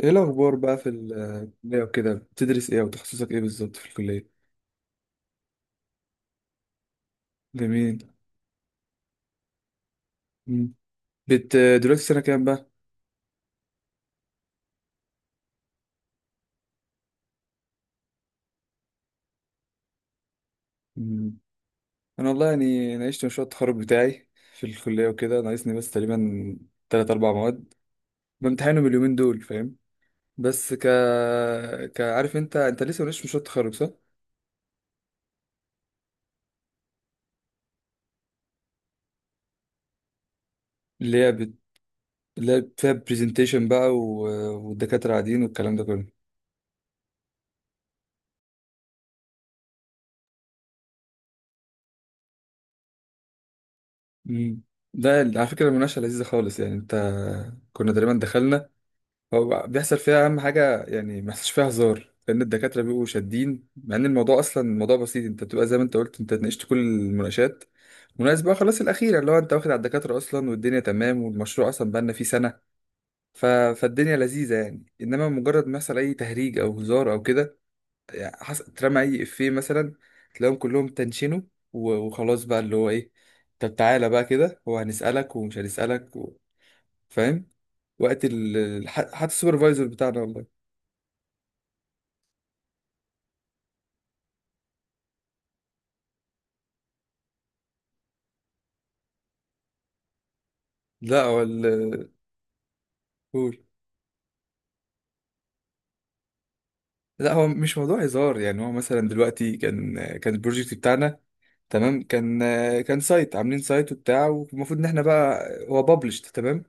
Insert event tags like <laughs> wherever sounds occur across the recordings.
ايه الاخبار بقى في الكليه وكده؟ بتدرس ايه وتخصصك ايه بالظبط في الكليه؟ جميل. مم. بت دلوقتي سنه كام بقى؟ مم. انا والله يعني ناقشت مشروع التخرج بتاعي في الكليه وكده، ناقصني بس تقريبا تلات اربع مواد بامتحنهم اليومين دول، فاهم؟ بس ك ك عارف انت لسه ناقشت مشروع التخرج، صح؟ اللي هي بت... اللي هي فيها برزنتيشن بقى والدكاتره قاعدين والكلام ده كله. مم. ده على فكره المناقشه لذيذه خالص، يعني انت كنا تقريبا دخلنا، هو بيحصل فيها اهم حاجه، يعني ما فيش فيها هزار لان الدكاتره بيبقوا شادين، مع ان الموضوع اصلا الموضوع بسيط. انت بتبقى زي ما انت قلت، انت ناقشت كل المناقشات مناسبة بقى، خلاص الاخيره اللي هو انت واخد على الدكاتره اصلا والدنيا تمام، والمشروع اصلا بقالنا فيه سنه. ف... فالدنيا لذيذه يعني، انما مجرد ما يحصل اي تهريج او هزار او كده، يعني اترمى اي افيه مثلا، تلاقيهم كلهم تنشنوا وخلاص بقى اللي هو ايه. طب تعالى بقى كده، هو هنسالك ومش هنسألك فاهم؟ وقت حتى السوبرفايزر بتاعنا والله. لا هو قول. لا هو مش موضوع هزار يعني، هو مثلا دلوقتي كان البروجكت بتاعنا تمام، كان كان سايت، عاملين سايت وبتاع والمفروض ان احنا بقى هو بابلشت تمام.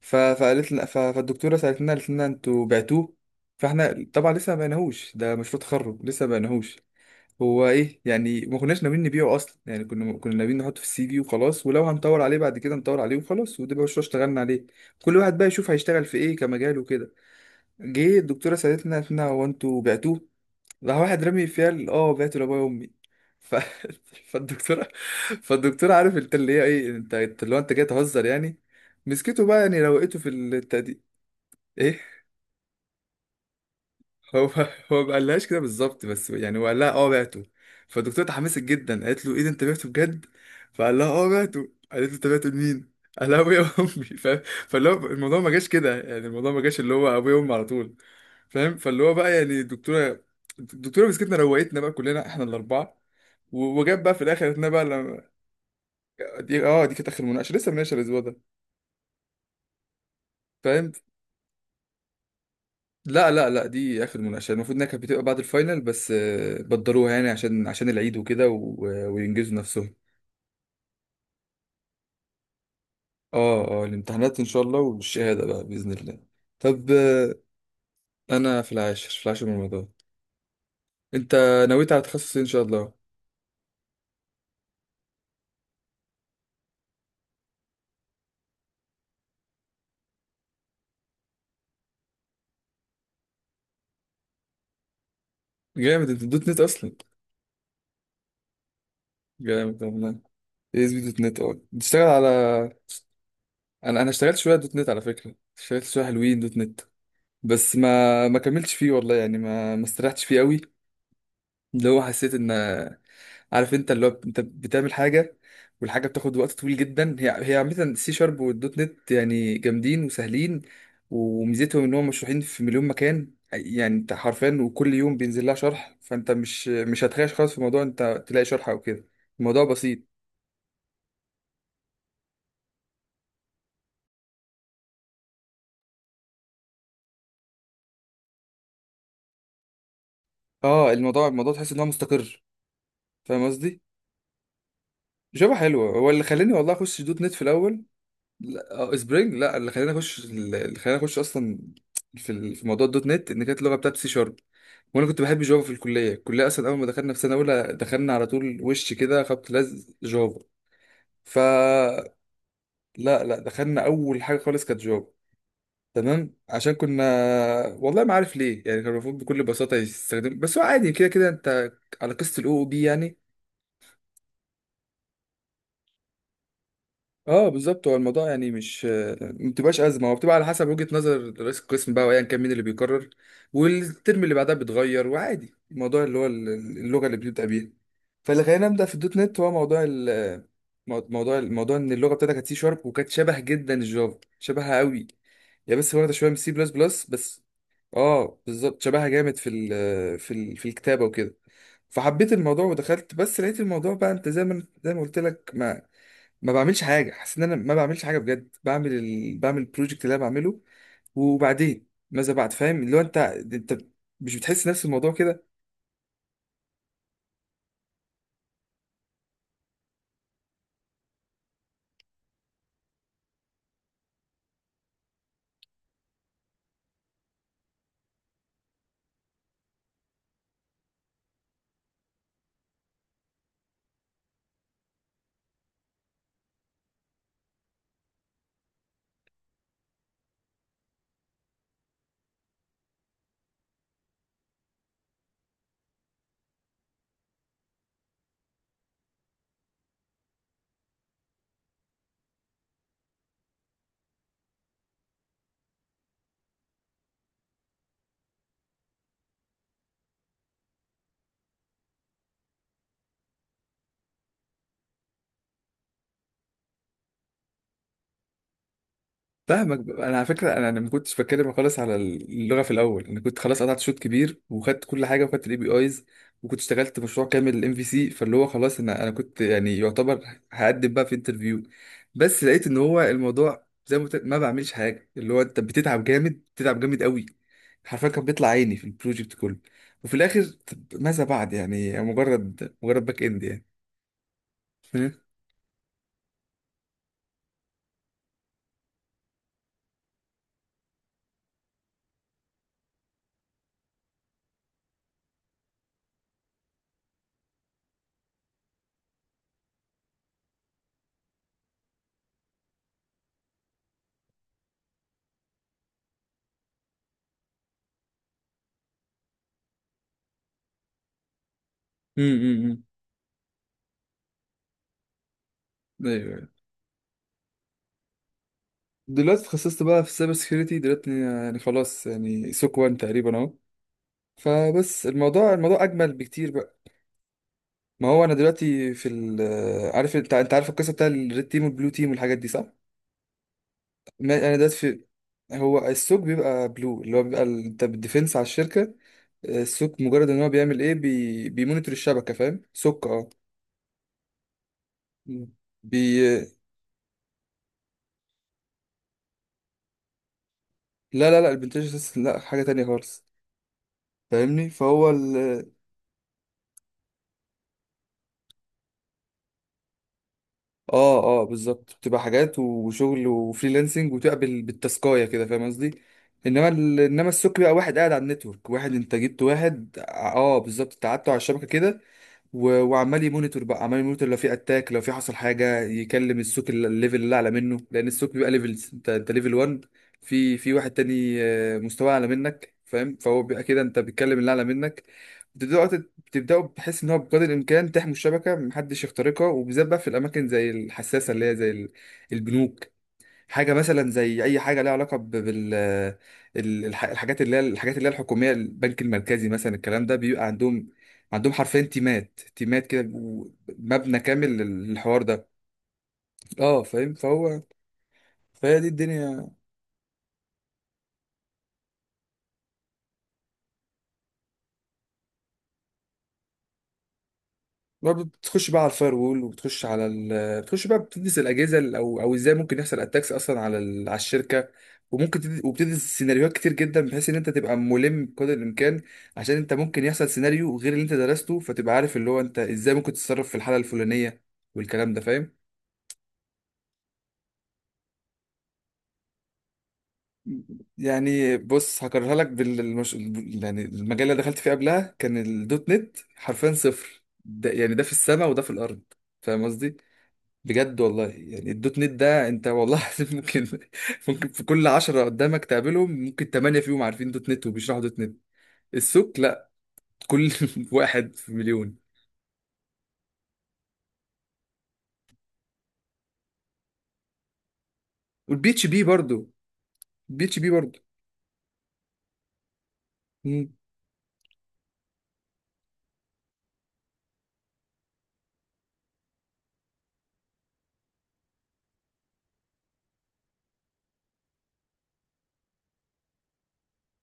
فقالت لنا، فالدكتوره سالتنا قالت لنا انتوا بعتوه؟ فاحنا طبعا لسه ما بعناهوش، ده مشروع تخرج لسه ما بعناهوش هو. ايه يعني ما كناش ناويين نبيعه اصلا، يعني كنا ناويين نحطه في السي في وخلاص، ولو هنطور عليه بعد كده نطور عليه وخلاص. وده بقى مشروع اشتغلنا عليه، كل واحد بقى يشوف هيشتغل في ايه كمجال وكده. جه الدكتورة سألتنا قالت لنا هو انتوا بعتوه؟ راح واحد رامي فيها اه بعته لابويا وامي. ف... <laughs> فالدكتورة، فالدكتورة عارف انت اللي هي ايه، انت اللي هو انت جاي تهزر يعني، مسكته بقى يعني روقته في البتاع دي. <laughs> هو <laughs> هو ما قالهاش كده بالظبط بس، يعني هو قال لها اه بعته. فالدكتوره اتحمست جدا قالت له ايه ده، انت بعته بجد؟ فقال لها اه بعته. قالت له انت بعته لمين؟ <laughs> قال لها ابويا وامي، فاهم؟ فاللي هو الموضوع ما جاش كده يعني، الموضوع ما جاش اللي هو ابويا وامي على طول، فاهم؟ فاللي هو بقى يعني الدكتوره، الدكتوره مسكتنا روقتنا بقى كلنا احنا الاربعه، وجاب بقى في الاخر قالت لنا بقى لما، دي اه دي كانت اخر مناقشه، لسه مناقشه الاسبوع ده فاهم. لا لا لا دي اخر مناقشه، المفروض انها كانت بتبقى بعد الفاينل، بس بدروها يعني عشان عشان العيد وكده وينجزوا نفسهم. اه اه الامتحانات ان شاء الله، والشهاده بقى باذن الله. طب انا في العاشر، في العاشر من رمضان. انت نويت على تخصص إيه ان شاء الله؟ جامد، انت دوت نت اصلا؟ جامد والله. إيه اس بي دوت نت، اه بتشتغل على، انا اشتغلت شويه دوت نت على فكره، اشتغلت شويه حلوين دوت نت، بس ما كملتش فيه والله، يعني ما استريحتش فيه قوي. اللي هو حسيت ان عارف انت اللي هو انت بتعمل حاجه، والحاجه بتاخد وقت طويل جدا، هي هي عامه السي شارب والدوت نت يعني جامدين وسهلين، وميزتهم ان هم مشروحين في مليون مكان، يعني انت حرفيا وكل يوم بينزل لها شرح، فانت مش هتخايش خالص في موضوع، انت تلاقي شرح او كده. الموضوع بسيط. اه الموضوع، الموضوع تحس ان هو مستقر، فاهم قصدي؟ جافا حلوه، هو اللي خلاني والله اخش دوت نت في الاول. لا اه سبرينج، لا اللي خلاني اخش، اللي خلاني اخش اصلا في في موضوع الدوت نت ان كانت اللغه بتاعت سي شارب، وانا كنت بحب جافا في الكليه. الكليه اصلا اول ما دخلنا في سنه اولى دخلنا على طول وش كده خبط لزق جافا. ف لا لا دخلنا اول حاجه خالص كانت جافا، تمام عشان كنا، والله ما عارف ليه يعني، كان المفروض بكل بساطه يستخدم، بس هو عادي كده كده انت، على قصه الاو او بي يعني. اه بالظبط، هو الموضوع يعني مش ما بتبقاش ازمه، هو بتبقى على حسب وجهه نظر رئيس القسم بقى، وايا كان مين اللي بيقرر، والترم اللي بعدها بيتغير وعادي. الموضوع اللي هو اللغه اللي بنبدا بيها، فاللي خلينا نبدا في الدوت نت هو موضوع موضوع، الموضوع ان اللغه بتاعتها كانت سي شارب وكانت شبه جدا الجافا، شبهها قوي، هي بس واخده شويه من سي بلس بلس بس. اه بالظبط، شبهها جامد في ال في ال في الكتابه وكده. فحبيت الموضوع ودخلت، بس لقيت الموضوع بقى انت زي ما قلت لك، ما بعملش حاجه، حاسس ان انا ما بعملش حاجه بجد، بعمل بعمل البروجكت اللي انا بعمله، وبعدين ماذا بعد، فاهم؟ اللي هو انت مش بتحس نفس الموضوع كده. فاهمك. انا على فكره، أنا ما كنتش بتكلم خالص على اللغه في الاول، انا كنت خلاص قطعت شوط كبير وخدت كل حاجه وخدت الاي بي ايز، وكنت اشتغلت مشروع كامل الام في سي، فاللي هو خلاص، انا كنت يعني يعتبر هقدم بقى في انترفيو. بس لقيت ان هو الموضوع زي ما قلت لك، ما بعملش حاجه اللي هو انت بتتعب جامد، بتتعب جامد قوي، حرفيا كان بيطلع عيني في البروجكت كله، وفي الاخر طب ماذا بعد يعني، مجرد مجرد باك اند يعني. <laughs> فاهم؟ أمم، أمم. ايوه. دلوقتي اتخصصت بقى في السايبر سكيورتي دلوقتي، يعني خلاص يعني سوك وان تقريبا اهو. فبس الموضوع، الموضوع اجمل بكتير بقى. ما هو انا دلوقتي في ال، عارف انت، انت عارف القصه بتاع الريد تيم والبلو تيم والحاجات دي، صح؟ ما انا دلوقتي في، هو السوك بيبقى بلو، اللي هو بيبقى انت بالديفنس على الشركه. السوك مجرد ان هو بيعمل بيمونيتور الشبكه، فاهم؟ سوك اه. بي، لا لا لا البنتاج لا، حاجه تانية خالص. فاهمني؟ فهو اه اه بالظبط، بتبقى حاجات وشغل وفريلانسنج وتقبل بالتاسكايه كده، فاهم قصدي؟ انما السوق بقى واحد قاعد على النتورك، واحد انت جبت واحد اه بالظبط انت قعدته على الشبكه كده، وعمال يمونيتور بقى، عمال يمونيتور لو في اتاك، لو في حصل حاجه يكلم السوق الليفل اللي اعلى منه، لان السوق بيبقى ليفلز، انت ليفل 1، في في واحد تاني مستواه اعلى منك فاهم. فهو بيبقى كده، انت بتكلم اللي اعلى منك. بتبداوا بحيث ان هو بقدر الامكان تحموا الشبكه محدش يخترقها، وبالذات بقى في الاماكن زي الحساسه اللي هي زي البنوك، حاجه مثلا زي اي حاجه ليها علاقه بال الحاجات اللي هي الحاجات اللي هي الحكوميه، البنك المركزي مثلا، الكلام ده بيبقى عندهم، عندهم حرفيا تيمات تيمات كده، مبنى كامل للحوار ده. اه فاهم. فهو فهي دي الدنيا. ما بتخش بقى على الفاير وول وبتخش على بتخش بقى بتدرس الاجهزه او او ازاي ممكن يحصل اتاكس اصلا على على الشركه، وبتدرس سيناريوهات كتر جدا بحيث ان انت تبقى ملم بقدر الامكان، عشان انت ممكن يحصل سيناريو غير اللي انت درسته، فتبقى عارف اللي هو انت ازاي ممكن تتصرف في الحاله الفلانيه والكلام ده، فاهم؟ يعني بص هكررها لك يعني المجال اللي دخلت فيه قبلها كان الدوت نت حرفيا صفر، ده يعني ده في السماء وده في الارض، فاهم قصدي؟ بجد والله، يعني الدوت نت ده انت والله العظيم ممكن، ممكن في كل عشرة قدامك تقابلهم ممكن تمانية فيهم عارفين دوت نت وبيشرحوا دوت نت. السوق لا، كل <laughs> واحد في مليون. والبي اتش بي برضه، بي اتش بي برضه.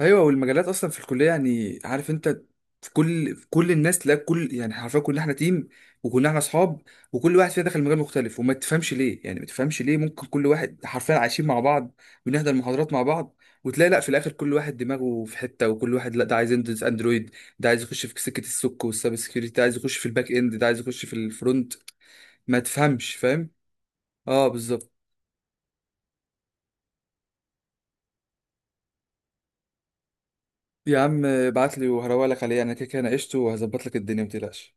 ايوه، والمجالات اصلا في الكليه يعني عارف انت، في كل الناس تلاقي كل، يعني حرفيا كلنا احنا تيم وكلنا احنا اصحاب، وكل واحد فينا دخل مجال مختلف، وما تفهمش ليه يعني، ما تفهمش ليه، ممكن كل واحد حرفيا عايشين مع بعض، بنحضر محاضرات مع بعض، وتلاقي لا في الاخر كل واحد دماغه في حته، وكل واحد لا ده عايز يندرس اندرويد، ده عايز يخش في سكه السوك والسايبر سكيورتي، ده عايز يخش في الباك اند، ده عايز يخش في الفرونت. ما تفهمش فاهم. اه بالظبط. يا عم ابعت لي وهروق لك عليه، يعني انا كده كده ناقشته وهظبط لك الدنيا ما تقلقش.